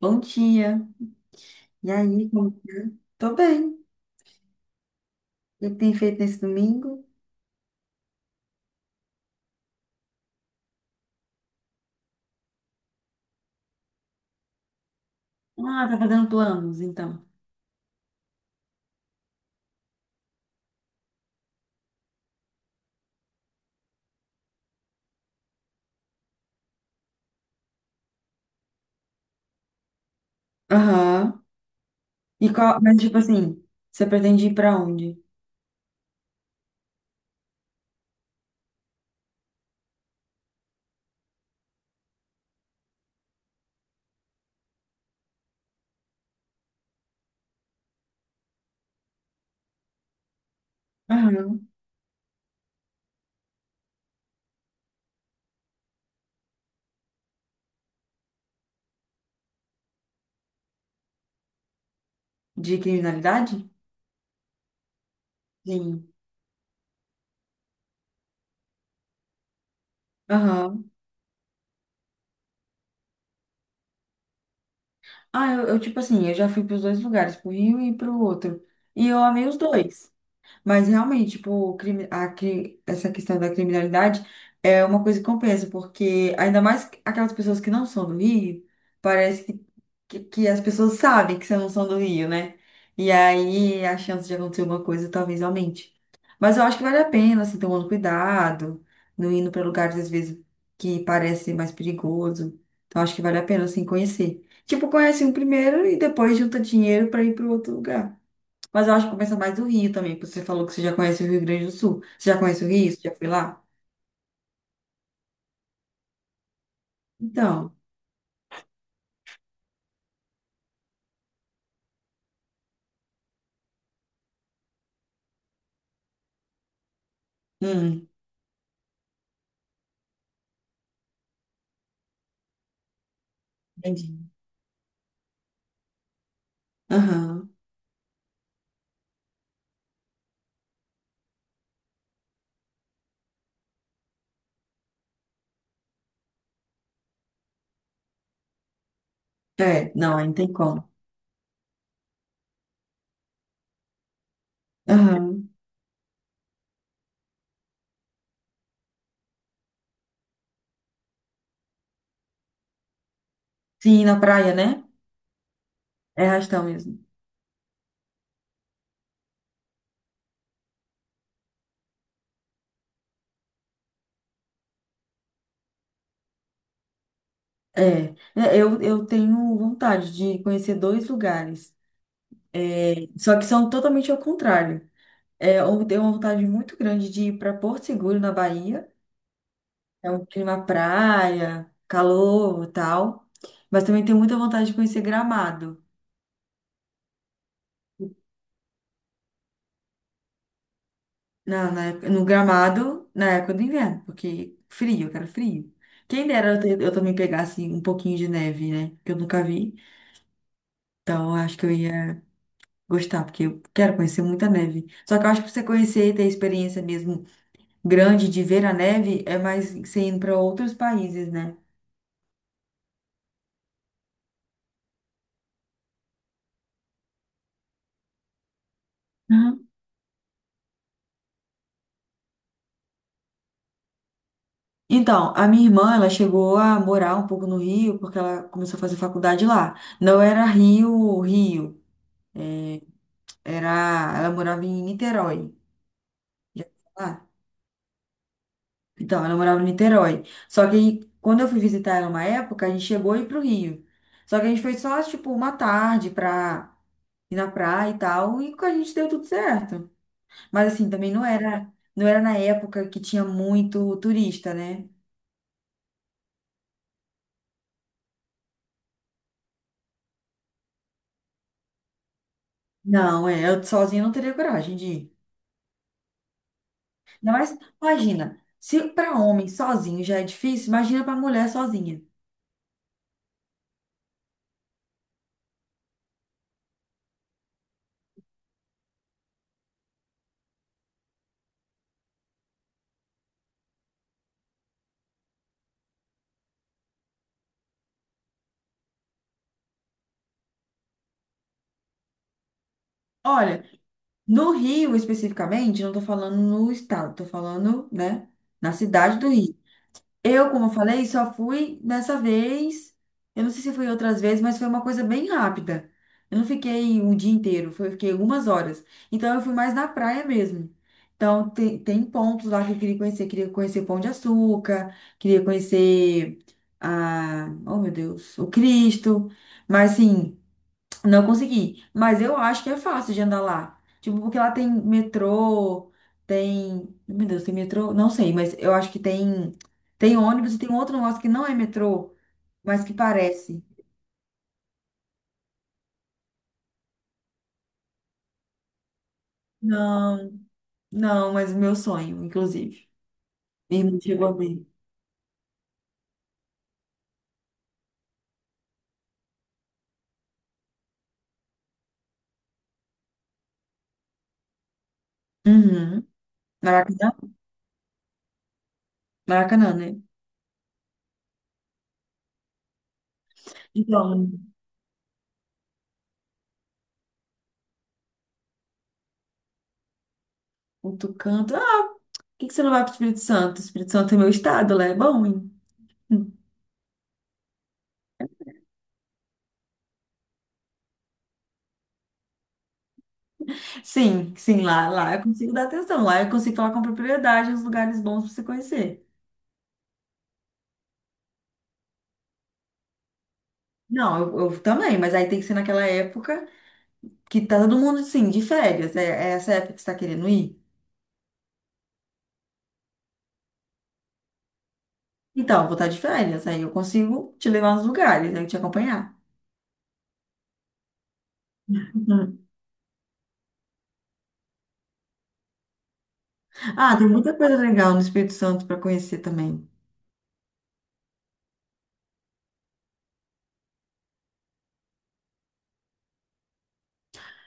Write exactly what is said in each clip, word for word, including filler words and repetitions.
Bom dia. E aí, como tá? Tô bem. O que que tem feito nesse domingo? Ah, tá fazendo planos, então. Aham. E qual, mas tipo assim, você pretende ir pra onde? Aham. De criminalidade? Sim. Aham. Ah, eu, eu, tipo assim, eu já fui pros dois lugares, pro Rio e pro outro. E eu amei os dois. Mas realmente, tipo, o crime, a, cri- essa questão da criminalidade é uma coisa que compensa, porque ainda mais aquelas pessoas que não são do Rio, parece que, que, que as pessoas sabem que você não são do Rio, né? E aí a chance de acontecer alguma coisa talvez aumente. Mas eu acho que vale a pena, assim, tomando cuidado, não indo para lugares às vezes que parece mais perigoso. Então acho que vale a pena, assim, conhecer. Tipo, conhece um primeiro e depois junta dinheiro para ir para outro lugar. Mas eu acho que compensa mais o Rio também, porque você falou que você já conhece o Rio Grande do Sul. Você já conhece o Rio? Você já foi lá? Então, hum, entendi. Aham. É, não, aí não tem como. Aham. Sim, na praia, né? É arrastão mesmo. É, É, eu, eu tenho vontade de conhecer dois lugares, é, só que são totalmente ao contrário. É, eu tenho uma vontade muito grande de ir para Porto Seguro, na Bahia. É um clima praia, calor e tal. Mas também tenho muita vontade de conhecer Gramado. Não na época, no gramado na época do inverno, porque frio, eu quero frio. Quem dera eu, ter- eu também pegasse um pouquinho de neve, né? Que eu nunca vi. Então, eu acho que eu ia gostar, porque eu quero conhecer muita neve. Só que eu acho que pra você conhecer e ter experiência mesmo grande de ver a neve é mais você indo para outros países, né? Uhum. Então, a minha irmã, ela chegou a morar um pouco no Rio, porque ela começou a fazer faculdade lá. Não era Rio, Rio, era, ela morava em Niterói. Já ouviu falar? Então, ela morava em Niterói. Só que aí, quando eu fui visitar ela uma época, a gente chegou a ir pro Rio. Só que a gente foi só, tipo, uma tarde pra ir na praia e tal, e a gente deu tudo certo. Mas assim, também não era, não era na época que tinha muito turista, né? Não, é, eu sozinha não teria coragem de ir. Ainda mais, imagina, se para homem sozinho já é difícil, imagina para mulher sozinha. Olha, no Rio especificamente, não tô falando no estado, tô falando, né, na cidade do Rio. Eu, como eu falei, só fui nessa vez. Eu não sei se fui outras vezes, mas foi uma coisa bem rápida. Eu não fiquei um dia inteiro, foi, eu fiquei algumas horas. Então eu fui mais na praia mesmo. Então tem, tem pontos lá que eu queria conhecer. Queria conhecer Pão de Açúcar, queria conhecer a, oh meu Deus, o Cristo. Mas assim, não consegui, mas eu acho que é fácil de andar lá. Tipo, porque lá tem metrô, tem. Meu Deus, tem metrô? Não sei, mas eu acho que tem. Tem ônibus e tem um outro negócio que não é metrô, mas que parece. Não, não, mas meu sonho, inclusive. E não chegou a ver. Uhum. Maracanã? Maracanã, né? Então, outro canto. Ah, por que que você não vai pro Espírito Santo? Espírito Santo é meu estado, lá é bom, hein? Sim, sim, lá, lá eu consigo dar atenção, lá eu consigo falar com propriedade os lugares bons para você conhecer. Não, eu, eu também, mas aí tem que ser naquela época que tá todo mundo, sim, de férias. É, é essa época que você tá querendo ir? Então, eu vou estar de férias, aí eu consigo te levar nos lugares, aí te acompanhar. Uhum. Ah, tem muita coisa legal no Espírito Santo para conhecer também.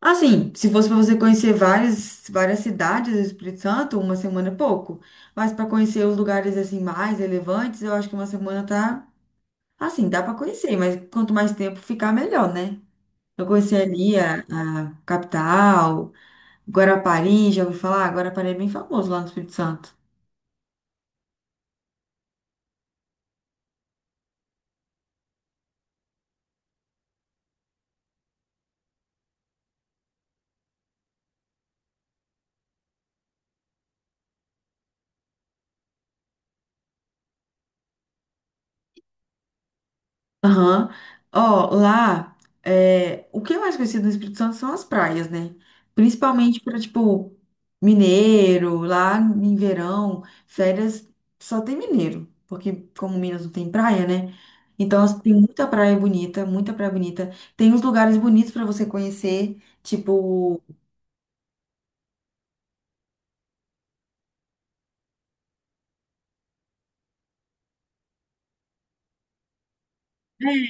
Assim, se fosse para você conhecer várias, várias cidades do Espírito Santo, uma semana é pouco. Mas para conhecer os lugares assim mais relevantes, eu acho que uma semana tá. Assim, dá para conhecer, mas quanto mais tempo ficar, melhor, né? Eu conheci ali a, a capital, Guarapari, já ouvi falar? Guarapari é bem famoso lá no Espírito Santo. Aham. Ó, lá, é, o que é mais conhecido no Espírito Santo são as praias, né? Principalmente para, tipo, mineiro, lá em verão, férias só tem mineiro, porque como Minas não tem praia, né? Então, as, tem muita praia bonita, muita praia bonita. Tem uns lugares bonitos para você conhecer, tipo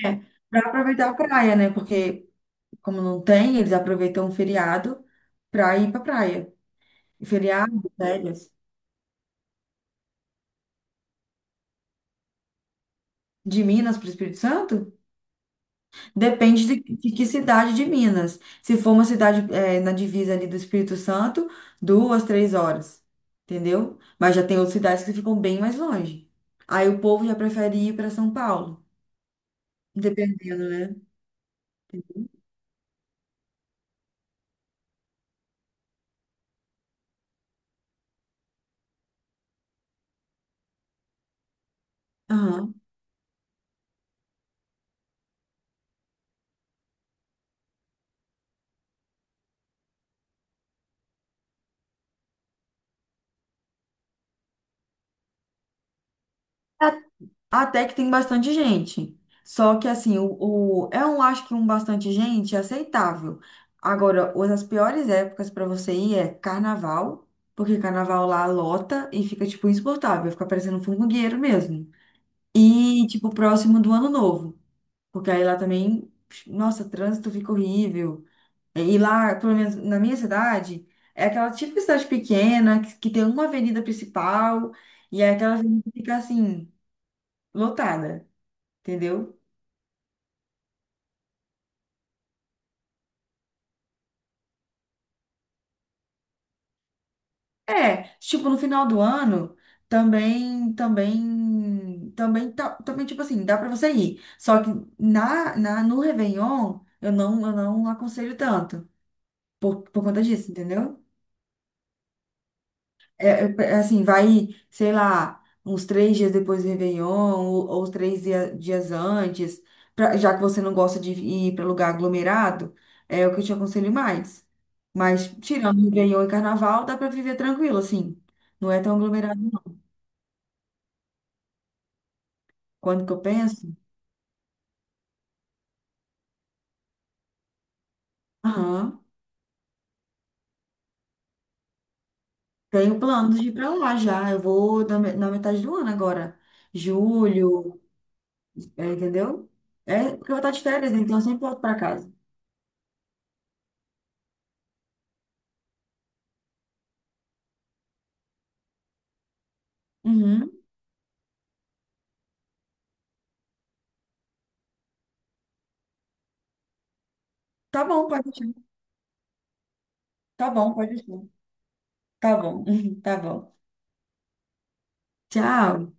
é para aproveitar a praia, né? Porque, como não tem, eles aproveitam o feriado para ir pra praia. Feriado, férias. De Minas para o Espírito Santo? Depende de, de que cidade de Minas. Se for uma cidade eh, na divisa ali do Espírito Santo, duas, três horas. Entendeu? Mas já tem outras cidades que ficam bem mais longe. Aí o povo já prefere ir para São Paulo. Dependendo, né? Aham. Até que tem bastante gente. Só que assim, o, o- é um, acho que um bastante gente é aceitável. Agora, uma das piores épocas para você ir é carnaval, porque carnaval lá lota e fica tipo insuportável, fica parecendo um formigueiro mesmo. E tipo próximo do ano novo, porque aí lá também, nossa, trânsito fica horrível. E lá, pelo menos na minha cidade, é aquela típica cidade pequena que, que tem uma avenida principal e é aquela avenida que fica assim lotada, entendeu? É, tipo, no final do ano, também, também, também, tá- também, tipo assim, dá pra você ir. Só que na, na, no Réveillon, eu não, eu não aconselho tanto, por, por conta disso, entendeu? É, é, é assim, vai, sei lá, uns três dias depois do Réveillon, ou, ou três dia- dias antes, pra, já que você não gosta de ir pra lugar aglomerado, é o que eu te aconselho mais. Mas, tirando Réveillon e Carnaval, dá pra viver tranquilo, assim. Não é tão aglomerado. Quando que eu penso? Aham. Tenho planos de ir pra lá já. Eu vou na me- na metade do ano agora. Julho, é, entendeu? É porque eu vou estar de férias, né? Então eu sempre volto pra casa. Uhum. Tá bom, pode deixar. Tá bom, pode deixar. Tá bom, tá bom. Tchau.